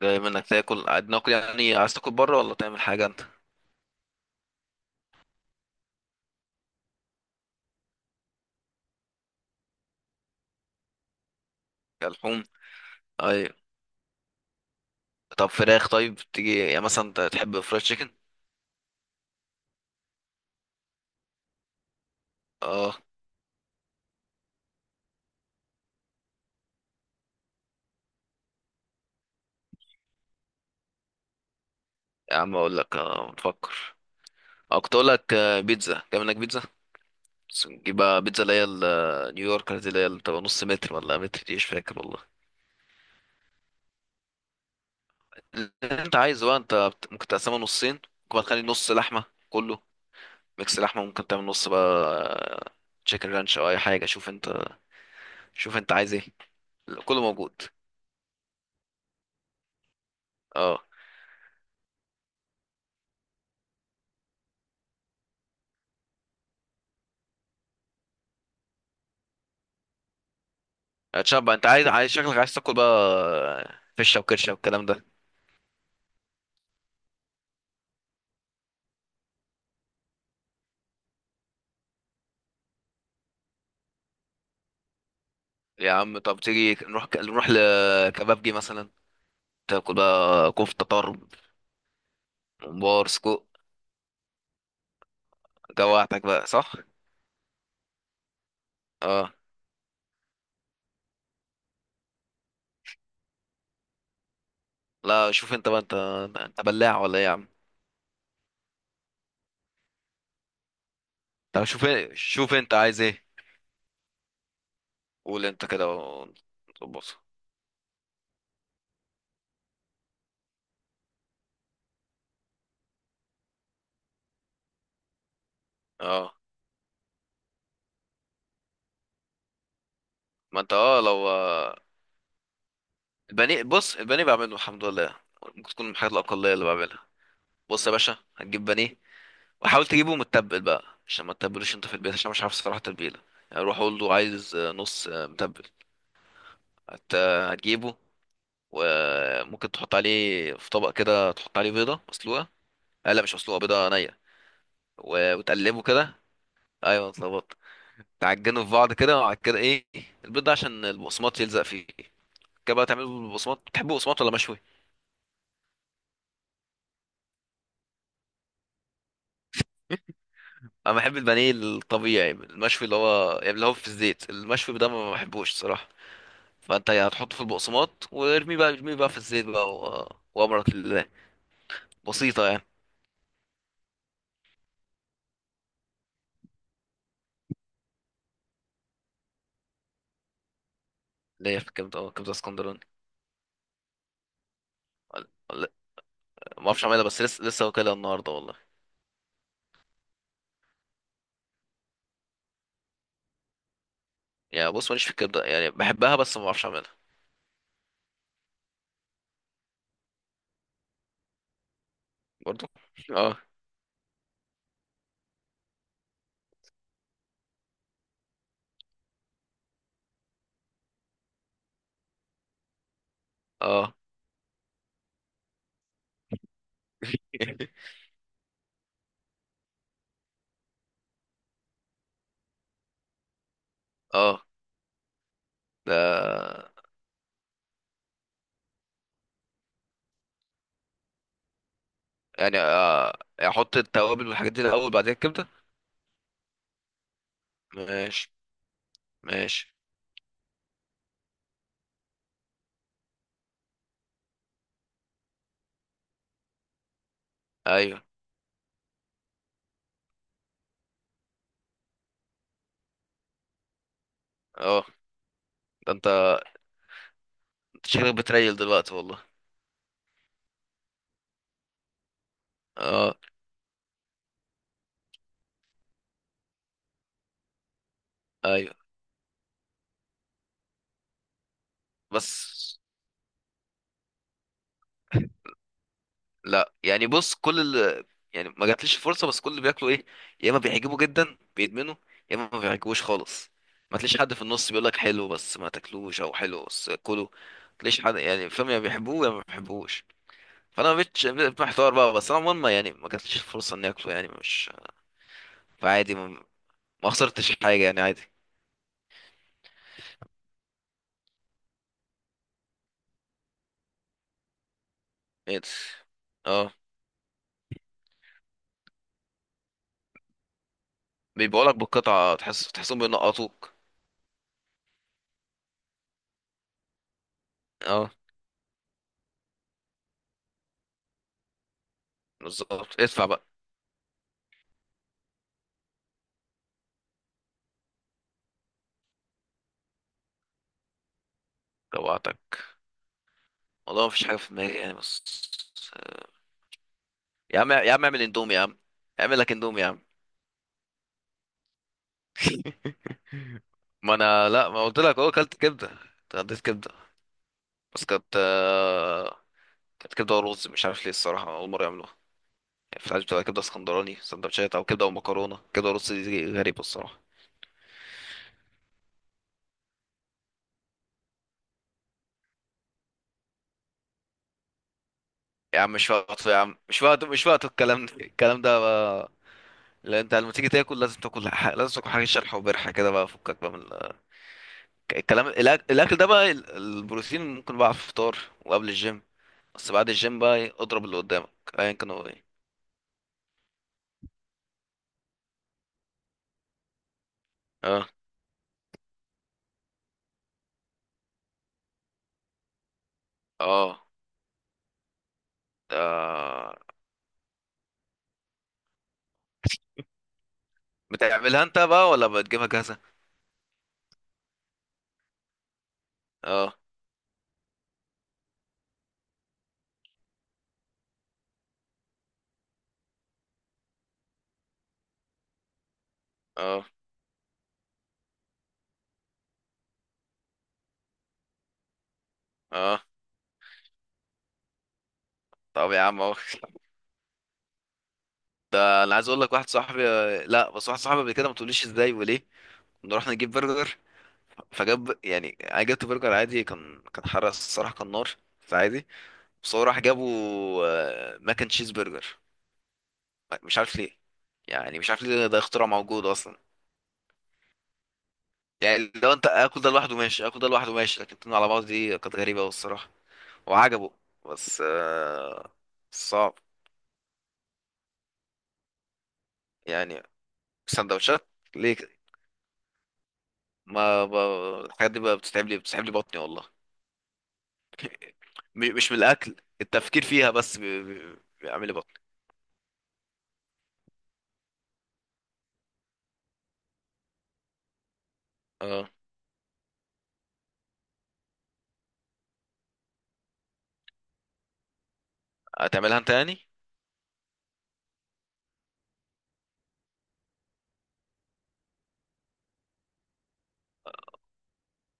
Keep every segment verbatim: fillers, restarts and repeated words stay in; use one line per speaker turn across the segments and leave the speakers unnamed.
دايما انك تاكل قاعد ناكل، يعني عايز تاكل بره ولا تعمل حاجه انت؟ كلحوم؟ اي. طب فراخ؟ طيب تيجي يعني مثلا، انت تحب فرايد تشيكن؟ اه. يا عم اقول لك آه بتفكر، او كنت اقول لك آه، بيتزا، تعمل لك بيتزا. بس نجيب بقى بيتزا اللي هي ال- آه، نيويورك دي، اللي هي اللي بتبقى نص متر ولا متر، دي مش فاكر والله. اللي انت عايزه بقى، انت بت- ممكن تقسمها نصين، ممكن بقى تخلي نص لحمه كله، ميكس لحمه، ممكن تعمل نص بقى تشيكن رانش او اي حاجه. شوف انت، شوف انت عايز ايه، كله موجود. اه. اتشاب، انت عايز عايز شكلك عايز تاكل بقى فشه وكرشه والكلام ده. يا عم، طب تيجي نروح نروح لكبابجي مثلا، تاكل بقى كفته طرب، ممبار، سجق. جوعتك بقى صح؟ اه. لا شوف انت بقى، انت انت بلاع ولا ايه يا عم؟ طب شوف ايه، شوف انت عايز ايه، قول انت كده ونظبطها. اه ما انت اه لو آه، البانيه، بص البانيه بعمله الحمد لله، ممكن تكون من الحاجات الاقليه اللي بعملها. بص يا باشا، هتجيب بانيه وحاول تجيبه متبل بقى عشان ما تتبلوش انت في البيت، عشان مش عارف الصراحه تتبيله. يعني روح قول له عايز آه، نص آه، متبل. هت... هتجيبه، وممكن تحط عليه في طبق كده، تحط عليه بيضه مسلوقه. آه لا مش مسلوقه، بيضه نيه. و... وتقلبه كده. ايوه اتلخبطت. تعجنه في بعض كده وبعد كده ايه، البيض ده عشان البقسماط يلزق فيه. كده بقى تعمله بالبقسماط، بتحبه بقسماط ولا مشوي؟ انا بحب البانيه الطبيعي المشوي، اللي هو يعني اللي هو في الزيت، المشوي ده ما بحبوش الصراحه. فانت يعني هتحطه في البقسماط، وارميه بقى ارميه بقى في الزيت بقى و... وامرك لله، بسيطه يعني. اللي هي في الكبده؟ اه كبده اسكندراني. ولا- ولا- ما اعرفش اعملها، بس لسه لسه واكلها النهارده والله. يعني بص ماليش في الكبده، يعني بحبها بس ما اعرفش اعملها. برضو. اه. اه. اه. ده يعني آه، يعني احط التوابل والحاجات دي الاول بعدين الكبده؟ ماشي. ماشي. ايوه. اه. ده انت شكلك بتريل دلوقتي والله. اه. ايوه بس. لا يعني بص كل ال... يعني ما جاتليش فرصه، بس كل اللي بياكلوا ايه، يا اما بيعجبوا جدا بيدمنوا، يا اما ما بيعجبوش خالص، ما تلاقيش حد في النص بيقول لك حلو بس ما تاكلوش او حلو بس، كله ما تلاقيش حد يعني، فاهم، يا بيحبوه يا ما بيحبوش. فانا ما بقتش محتار بقى، بس انا عموما ما- يعني ما جاتليش فرصه اني اكله، يعني مش، فعادي ما, ما خسرتش حاجه، يعني عادي. إيه ده؟ اه بيبيعوا لك بالقطعه، تحس تحسهم بينقطوك. اه بالظبط، ادفع بقى. جوعتك، والله ما فيش حاجه في دماغي يعني، بس. يا عم، يا عم اعمل اندومي يا عم، اعمل لك اندومي يا عم. ما انا، لا ما قلت لك اهو، اكلت كبده، اتغديت كبده. بس كانت آه، كانت كبده ورز، مش عارف ليه الصراحه اول مره يعملوها. يعني في العادي بتبقى كبده اسكندراني سندوتشات، او كبده ومكرونه، كبده ورز دي غريبه الصراحه. يا عم مش وقته يا عم، مش وقته، مش وقته الكلام ده، الكلام ده بقى. لا انت لما تيجي تاكل لازم تاكل ح- لازم تاكل حاجه شرح وبرح كده بقى، فكك بقى من ال- الكلام، الأك- الاكل ده بقى، ال- البروتين ممكن بقى في الفطار وقبل الجيم، بس بعد الجيم بقى إيه، اضرب اللي قدامك ايا كان هو ايه. اه. اه. آه. بتعملها انت بقى ولا بتجيبها جاهزة؟ اه. اه. اه. طب يا عم اهو. ده انا عايز اقول لك واحد صاحبي. لا بس واحد صاحبي قبل كده، ما تقوليش ازاي وليه، كنا رحنا نجيب برجر، فجاب، يعني انا جبت برجر عادي، كان كان حرق الصراحة، كان نار بس عادي. بس هو راح جابه ماكن تشيز برجر، مش عارف ليه، يعني مش عارف ليه ده اختراع موجود اصلا. يعني لو انت اكل ده لوحده ماشي، اكل ده لوحده ماشي، لكن اتنين على بعض دي كانت غريبة أوي الصراحة. وعجبه. بس آه. صعب. يعني سندوتشات؟ ليه كده؟ ما ب- الحاجات دي بقى بتتعب لي بتتعب لي بطني والله. م- مش من الاكل، التفكير فيها بس بي- بي- بيعمل لي بطني. اه. هتعملها انت يعني؟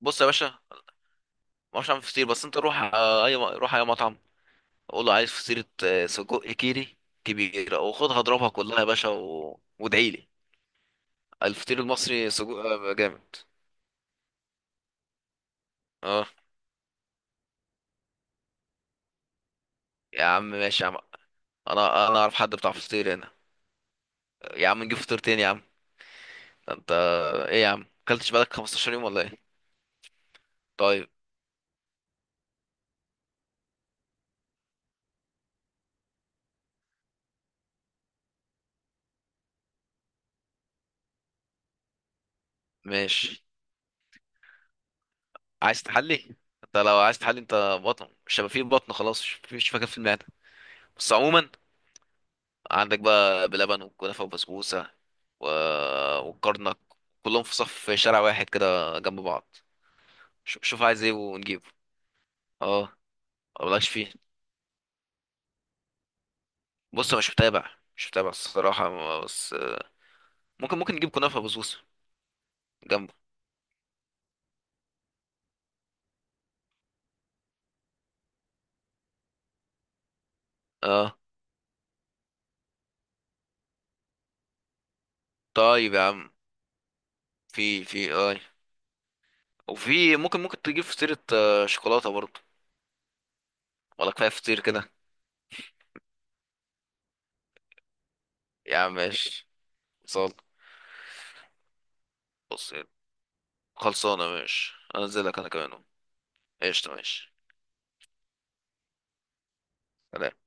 بص يا باشا، ما اعرفش اعمل فطير، بس انت روح آه، اي م- روح اي مطعم قول له عايز فطيرة آه، سجق كيري كبيرة، وخدها اضربها كلها يا باشا و... وادعي لي. الفطير المصري سجق آه، جامد. اه يا عم ماشي يا عم. انا انا اعرف حد بتاع فطير هنا، يا عم نجيب فطير تاني يا عم. ده انت، ايه يا عم؟ اكلتش بقالك خمستاشر يوم ولا ايه؟ طيب ماشي. عايز تحلي؟ انت لو عايز تحلي، انت بطن مش هيبقى فيه، بطن خلاص مش، مش مكان في المعده. بس عموما عندك بقى بلبن وكنافه وبسبوسه و... والكرنك، كلهم في صف في شارع واحد كده جنب بعض. شوف، شوف عايز ايه ونجيبه. اه. مبلاش فيه. بص انا مش متابع، مش متابع الصراحه، بس ممكن، ممكن نجيب كنافه وبسبوسه جنبه. اه. طيب يا عم، في في اي، وفي ممكن، ممكن تجيب فطيرة آه، شوكولاتة برضه، ولا كفاية فطير كده؟ يا عم ماشي. صال. بص خلصانة ماشي، انزل لك انا كمان أهو. قشطة ماشي. سلام.